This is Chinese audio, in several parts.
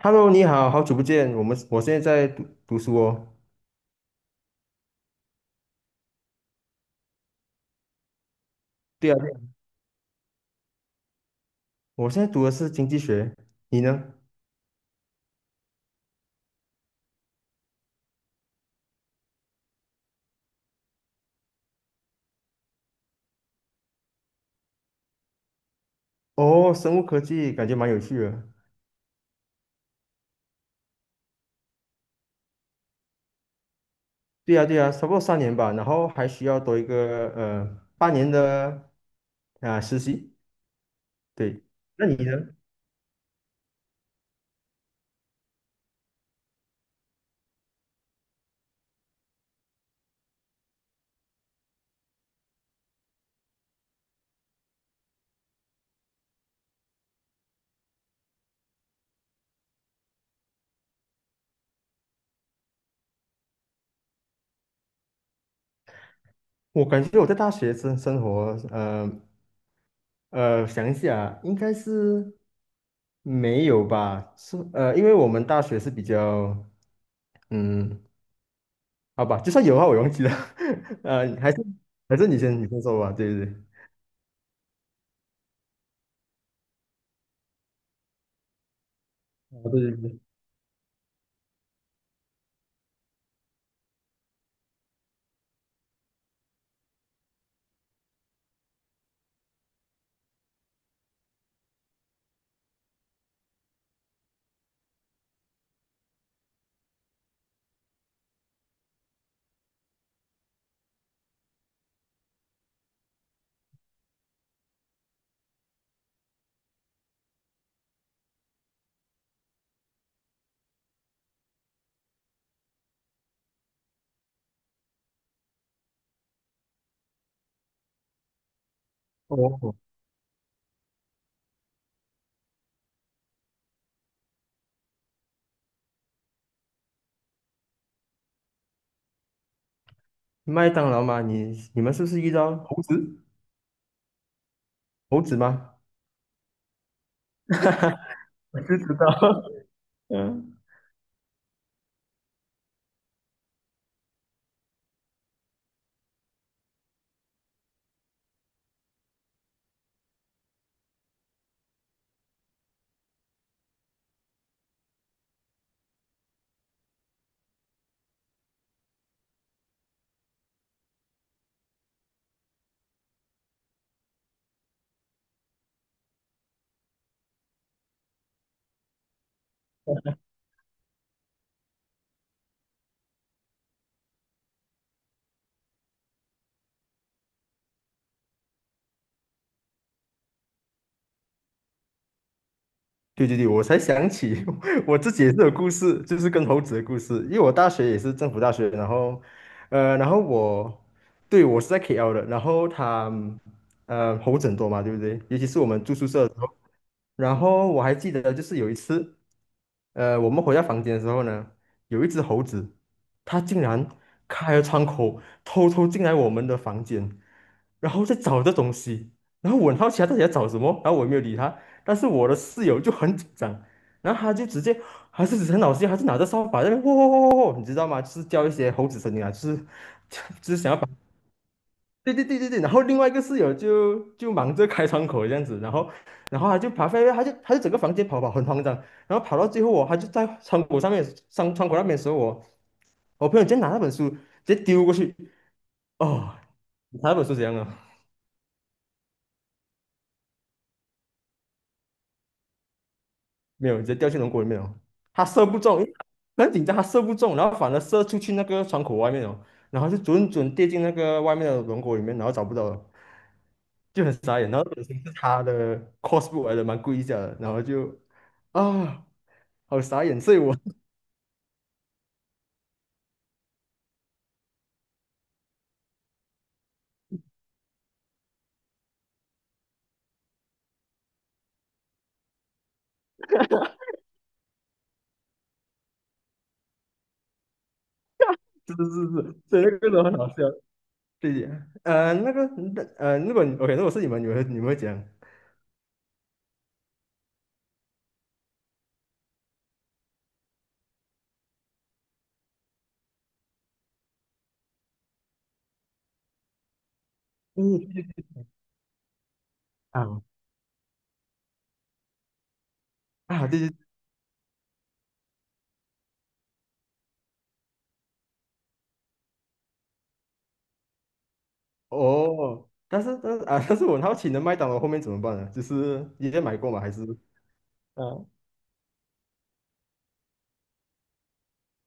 Hello，你好，好久不见。我现在在读书哦。对啊，对啊，我现在读的是经济学，你呢？哦，生物科技感觉蛮有趣的。对啊，对啊，差不多三年吧，然后还需要多一个半年的啊、实习。对，那你呢？我感觉我在大学生活，呃想一下，应该是没有吧？是因为我们大学是比较嗯好吧，就算有的话我也忘记了。呃，还是还是你先说吧。对对对，哦对对对。哦，麦当劳吗？你们是不是遇到猴子？猴子吗？我就知道，嗯，对对对，我才想起 我自己也是有故事，就是跟猴子的故事。因为我大学也是政府大学，然后，然后我，对，我是在 KL 的，然后他，猴子很多嘛，对不对？尤其是我们住宿舍的时候，然后我还记得就是有一次。我们回到房间的时候呢，有一只猴子，它竟然开了窗口，偷偷进来我们的房间，然后在找这东西。然后我很好奇它到底在找什么，然后我也没有理它。但是我的室友就很紧张，然后他就直接还是很老实，还是拿着扫把在那边喔喔喔喔，你知道吗？就是叫一些猴子声音啊，就是 就是想要把。对对对对对，然后另外一个室友就忙着开窗口这样子，然后他就爬飞，他就整个房间跑跑很慌张，然后跑到最后哦，他就在窗口上面上窗口那边的时候我朋友直接拿那本书直接丢过去，哦，你猜那本书怎样啊？没有，直接掉进龙骨里面哦。他射不中，因为很紧张，他射不中，然后反而射出去那个窗口外面哦，然后就准准跌进那个外面的龙骨里面，然后找不到了，就很傻眼。然后本身是他的 cosplay 来的，蛮贵一下的，然后就啊，好傻眼。所以我 是是是是，所以那个真的很好笑。对，那个如果你 OK，如果是你们，你们会讲，嗯啊啊，对对哦，但是但是啊，但是我很好奇，那麦当劳后面怎么办呢？就是你也买过吗？还是嗯，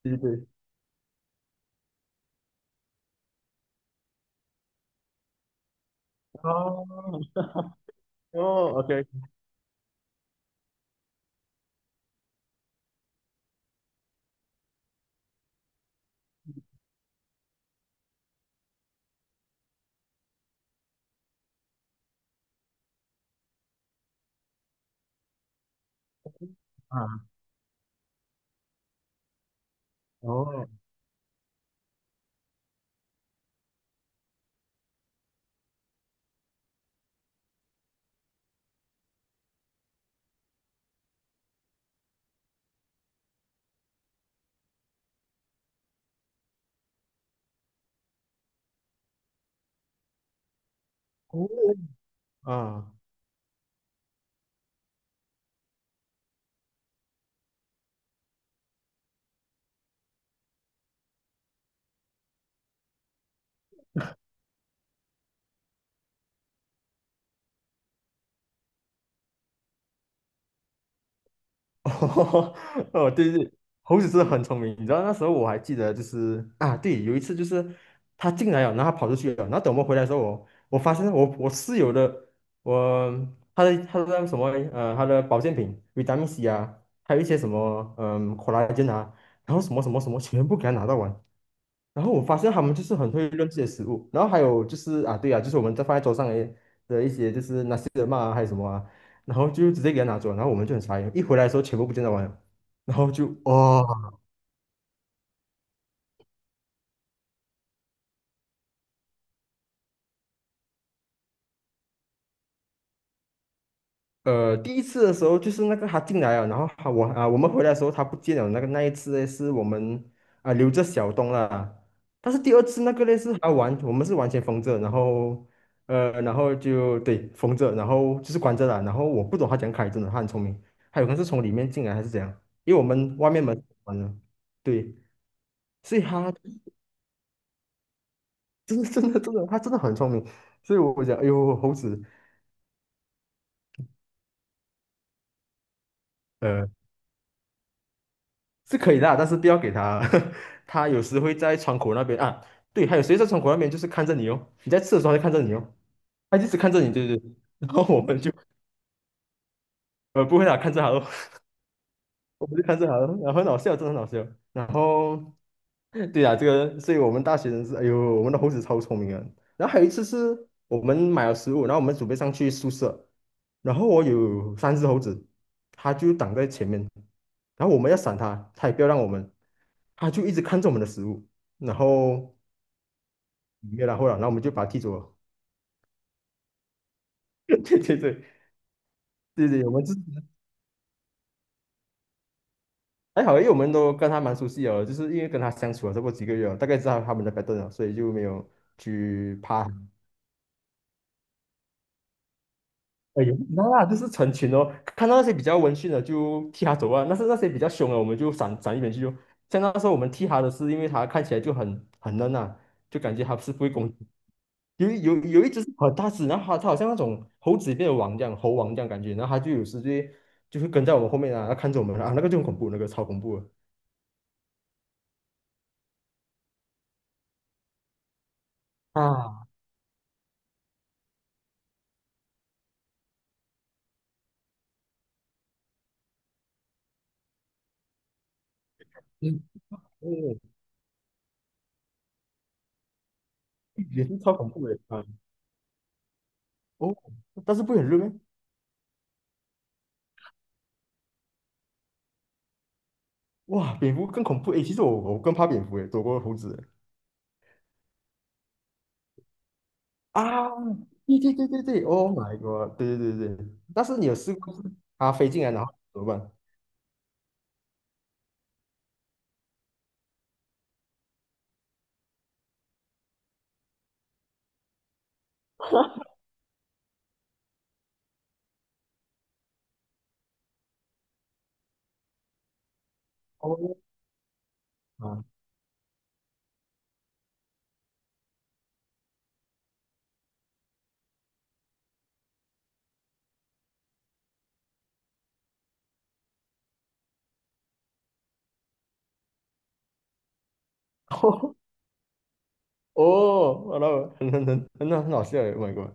对对对哦哦，OK 啊，哦哦啊，哦，哦对对，猴子真的很聪明。你知道那时候我还记得，就是啊，对，有一次就是他进来了，然后他跑出去了，然后等我们回来的时候，我发现我室友的我他的那个什么他的保健品维他命 C 啊，还有一些什么c o l l 啊，然后什么什么什么全部给他拿到完。然后我发现他们就是很会认这些食物，然后还有就是啊，对啊，就是我们在放在桌上的的一些就是那些的嘛，还有什么啊，然后就直接给他拿走，然后我们就很傻眼，一回来的时候全部不见得完了然后就哇，哦第一次的时候就是那个他进来了，然后他我啊，我们回来的时候他不见了。那个那一次呢，是我们啊留着小东了。但是第二次那个呢是他完，我们是完全封着，然后然后就对封着，然后就是关着了。然后我不懂他讲样开，真的他很聪明，他有可能是从里面进来还是怎样，因为我们外面门是关了，对，所以他 真的真的真的他真的很聪明，所以我讲，哎呦，猴子。呃，是可以的啊但是不要给他，他有时会在窗口那边啊，对，还有谁在窗口那边就是看着你哦，你在吃的时候他就看着你哦，他一直看着你，对对对，然后我们就不会啦，看着他哦我们就看这好了，然后很好笑，真的很好笑。然后，对呀、这个，所以我们大学生是，哎呦，我们的猴子超聪明啊。然后还有一次是我们买了食物，然后我们准备上去宿舍，然后我有三只猴子，它就挡在前面，然后我们要闪它，它也不要让我们，它就一直看着我们的食物，然后没有然后了，然后我们就把它踢走了。对对对对对，我们是。还好，因为我们都跟他蛮熟悉哦，就是因为跟他相处了这么几个月哦大概知道他们的 p a 了，所以就没有去怕。哎呦，那啦，就是成群哦，看到那些比较温驯的就替他走啊，那是那些比较凶的我们就闪闪一边去就。像那时候我们替他的是，因为他看起来就很嫩啊，就感觉他是不会攻击。有一有有一只是很大只，然后它好像那种猴子里面的王这样，猴王这样感觉，然后它就有时就会跟在我们后面啊，它看着我们啊，那个就很恐怖，那个超恐怖的。啊，嗯，也是超恐怖的啊！哦，但是不会很热咩？哇，蝙蝠更恐怖诶！其实我更怕蝙蝠诶，躲过猴子诶啊，对对对对对，Oh my god！对对对对，但是你有试过就是它飞进来然后怎么办？哦啊 哦哦，然后很好笑诶！Oh my god！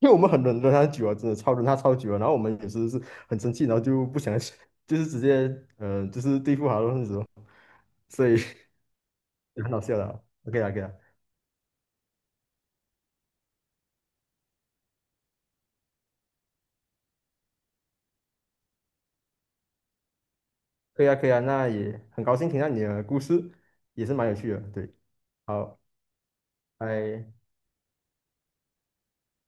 因为我们很忍了它久了，真的超忍它超久了，然后我们有时是很生气，然后就不想就是直接嗯，就是对付它那种，所以 很好笑的啊 OK 啦，OK 啦。可以啊，可以啊，那也很高兴听到你的故事，也是蛮有趣的。对，好，拜。